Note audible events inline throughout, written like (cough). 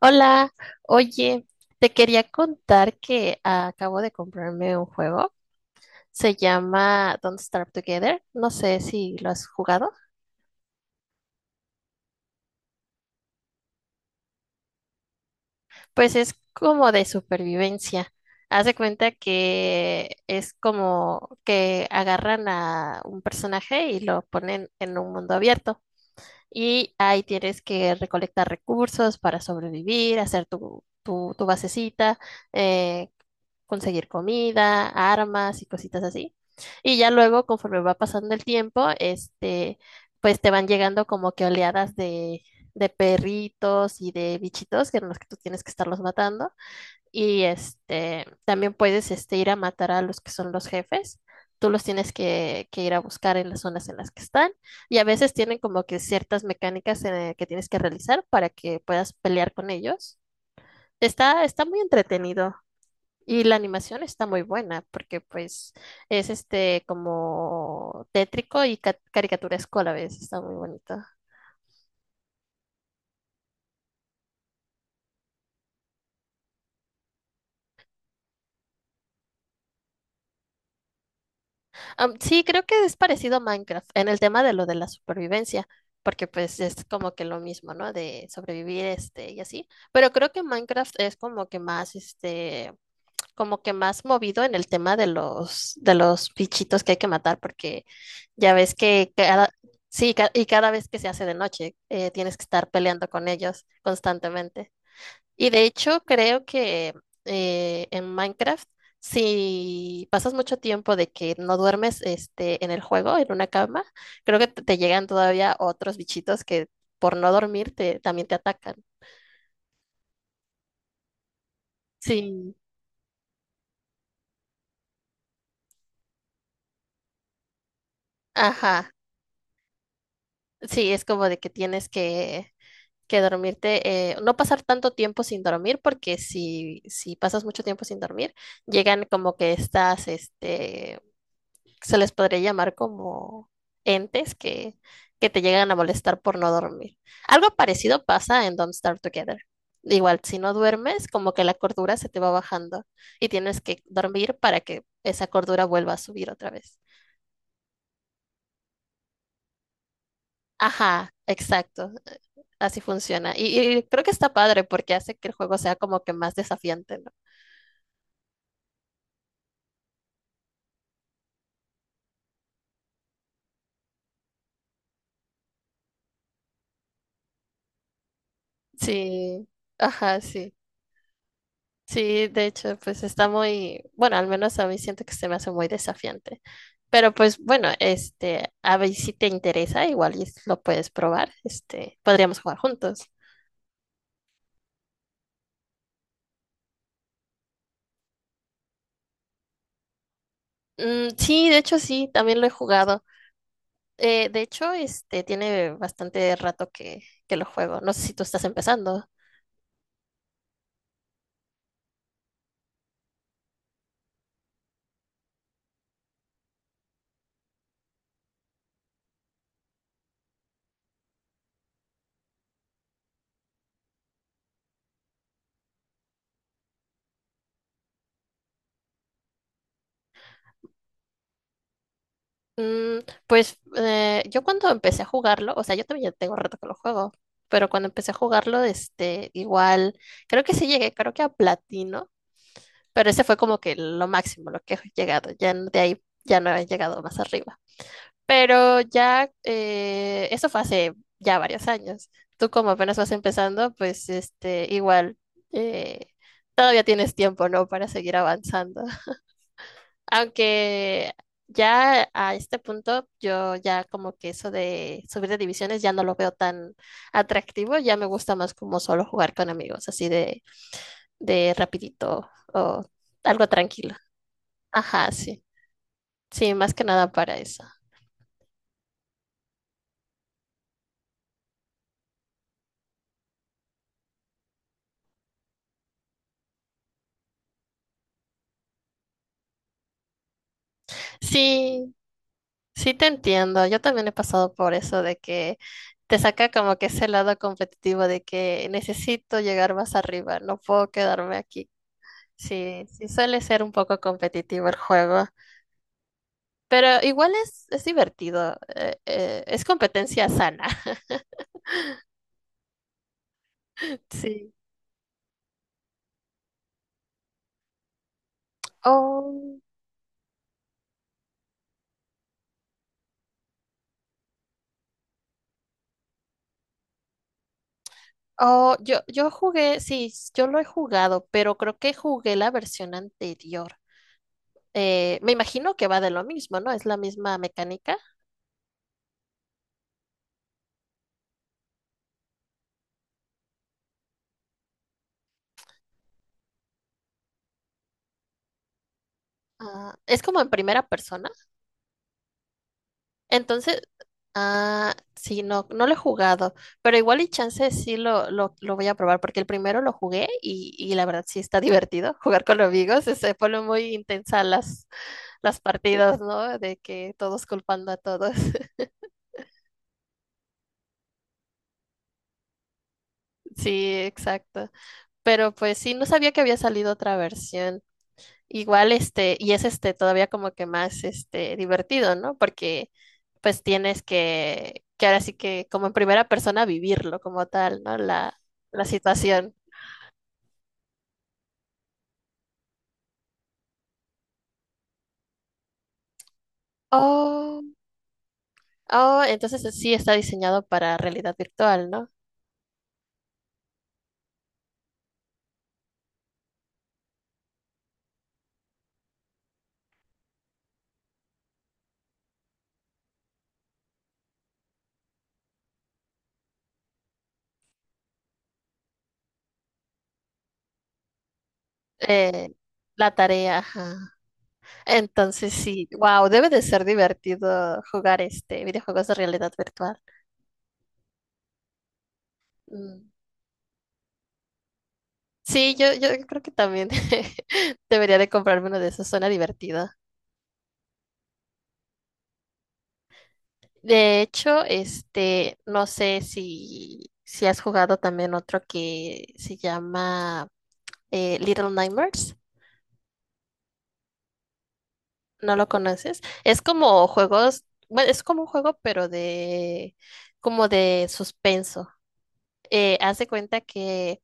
Hola, oye, te quería contar que acabo de comprarme un juego. Se llama Don't Starve Together. No sé si lo has jugado. Pues es como de supervivencia. Haz de cuenta que es como que agarran a un personaje y lo ponen en un mundo abierto. Y ahí tienes que recolectar recursos para sobrevivir, hacer tu basecita, eh, conseguir comida, armas y cositas así. Y ya luego, conforme va pasando el tiempo, pues te van llegando como que oleadas de perritos y de bichitos que en los que tú tienes que estarlos matando. Y también puedes ir a matar a los que son los jefes. Tú los tienes que ir a buscar en las zonas en las que están. Y a veces tienen como que ciertas mecánicas que tienes que realizar para que puedas pelear con ellos. Está muy entretenido. Y la animación está muy buena porque pues es este como tétrico y caricaturesco a la vez. Está muy bonito. Sí, creo que es parecido a Minecraft en el tema de lo de la supervivencia, porque pues es como que lo mismo, ¿no? De sobrevivir este y así, pero creo que Minecraft es como que más este como que más movido en el tema de los bichitos que hay que matar porque ya ves que cada sí, y cada vez que se hace de noche tienes que estar peleando con ellos constantemente. Y de hecho, creo que en Minecraft, si pasas mucho tiempo de que no duermes este, en el juego, en una cama, creo que te llegan todavía otros bichitos que por no dormir te, también te atacan. Sí, ajá. Sí, es como de que que dormirte, no pasar tanto tiempo sin dormir, porque si pasas mucho tiempo sin dormir, llegan como que estás, este, se les podría llamar como entes que te llegan a molestar por no dormir. Algo parecido pasa en Don't Starve Together. Igual, si no duermes, como que la cordura se te va bajando y tienes que dormir para que esa cordura vuelva a subir otra vez. Ajá, exacto. Así funciona. Y creo que está padre porque hace que el juego sea como que más desafiante, ¿no? Sí, ajá, sí. Sí, de hecho, pues está muy, bueno, al menos a mí siento que se me hace muy desafiante. Pero pues bueno, a ver si te interesa, igual y lo puedes probar, podríamos jugar juntos. Mm, sí, de hecho sí, también lo he jugado. De hecho, tiene bastante rato que lo juego. No sé si tú estás empezando. Mm, pues yo cuando empecé a jugarlo, o sea, yo también ya tengo rato que lo juego, pero cuando empecé a jugarlo, igual, creo que sí llegué, creo que a platino, pero ese fue como que lo máximo, lo que he llegado. Ya de ahí ya no he llegado más arriba. Pero ya, eso fue hace ya varios años. Tú como apenas vas empezando, pues igual, eh, todavía tienes tiempo, ¿no? Para seguir avanzando. (laughs) Aunque ya a este punto, yo ya como que eso de subir de divisiones ya no lo veo tan atractivo, ya me gusta más como solo jugar con amigos, así de rapidito o algo tranquilo. Ajá, sí. Sí, más que nada para eso. Sí, sí te entiendo, yo también he pasado por eso de que te saca como que ese lado competitivo de que necesito llegar más arriba, no puedo quedarme aquí. Sí, sí suele ser un poco competitivo el juego, pero igual es divertido, es competencia sana. (laughs) Sí. Oh, oh, yo jugué, sí, yo lo he jugado, pero creo que jugué la versión anterior. Me imagino que va de lo mismo, ¿no? Es la misma mecánica. Ah, es como en primera persona. Entonces, ah, sí, no, no lo he jugado, pero igual y chance sí lo voy a probar, porque el primero lo jugué y la verdad sí está (laughs) divertido jugar con los amigos, se pone muy intensas las partidas, ¿no? De que todos culpando a todos. (laughs) Sí, exacto. Pero pues sí, no sabía que había salido otra versión. Igual, este, y es este todavía como que más este divertido, ¿no? Porque pues tienes que ahora sí que como en primera persona vivirlo como tal, ¿no? La situación. Oh, oh, entonces sí está diseñado para realidad virtual, ¿no? Eh, ajá. Entonces sí, wow, debe de ser divertido jugar este videojuegos de realidad virtual. Mm. Sí, yo creo que también (laughs) debería de comprarme uno de esos, suena divertido. De hecho, no sé si, si has jugado también otro que se llama Little Nightmares. ¿No lo conoces? Es como juegos, bueno, es como un juego, pero de, como de suspenso. Haz de cuenta que,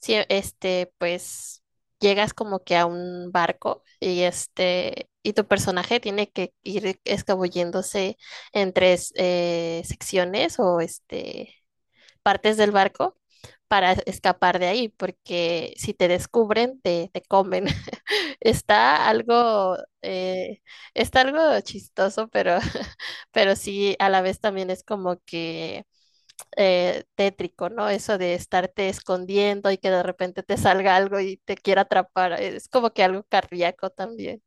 si, este, pues, llegas como que a un barco y este, y tu personaje tiene que ir escabulléndose entre secciones o este partes del barco para escapar de ahí, porque si te descubren, te comen. (laughs) Está algo, eh, está algo chistoso, pero, (laughs) pero sí, a la vez también es como que tétrico, ¿no? Eso de estarte escondiendo y que de repente te salga algo y te quiera atrapar, es como que algo cardíaco también.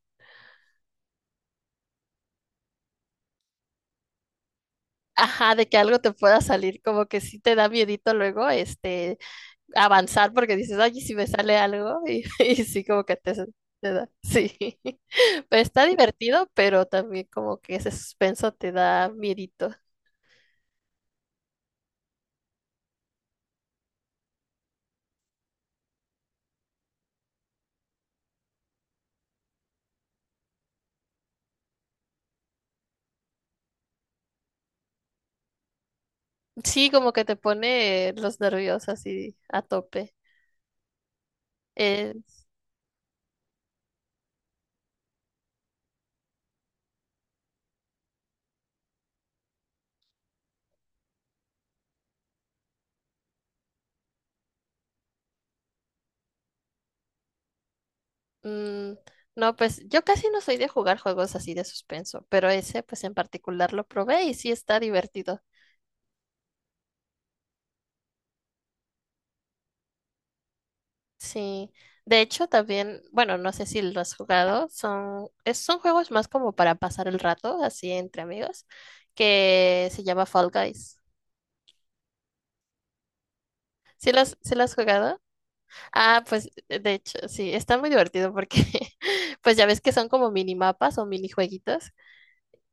Ajá, de que algo te pueda salir, como que sí te da miedito luego, avanzar porque dices, ay, ¿y si me sale algo, (laughs) y sí, como que te da, sí, (laughs) pero está divertido, pero también como que ese suspenso te da miedito. Sí, como que te pone los nervios así a tope. Eh, mm, no, pues yo casi no soy de jugar juegos así de suspenso, pero ese pues en particular lo probé y sí está divertido. Sí, de hecho también, bueno, no sé si lo has jugado, son, son juegos más como para pasar el rato, así entre amigos, que se llama Fall Guys. ¿Sí sí lo has jugado? Ah, pues de hecho, sí, está muy divertido porque (laughs) pues ya ves que son como minimapas o minijueguitos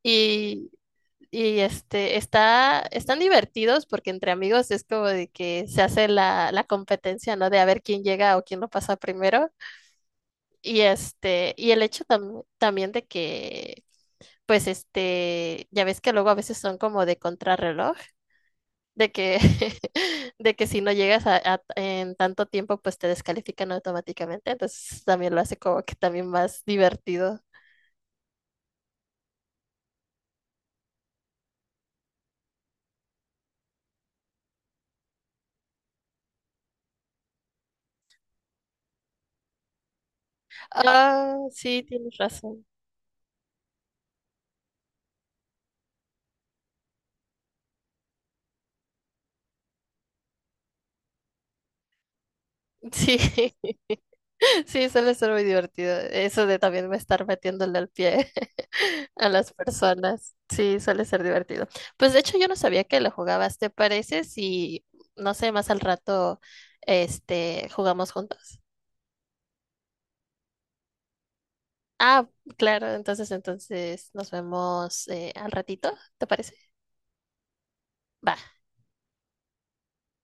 y, y está, están divertidos porque entre amigos es como de que se hace la competencia, ¿no? De a ver quién llega o quién lo pasa primero. Y y el hecho también de que, pues ya ves que luego a veces son como de contrarreloj, de que, (laughs) de que si no llegas en tanto tiempo, pues te descalifican automáticamente. Entonces también lo hace como que también más divertido. Ah, sí, tienes razón. Sí, (laughs) sí, suele ser muy divertido. Eso de también me estar metiéndole al pie a las personas. Sí, suele ser divertido. Pues de hecho yo no sabía que lo jugabas. ¿Te parece si, no sé, más al rato, jugamos juntos? Ah, claro, entonces, entonces nos vemos al ratito, ¿te parece? Va.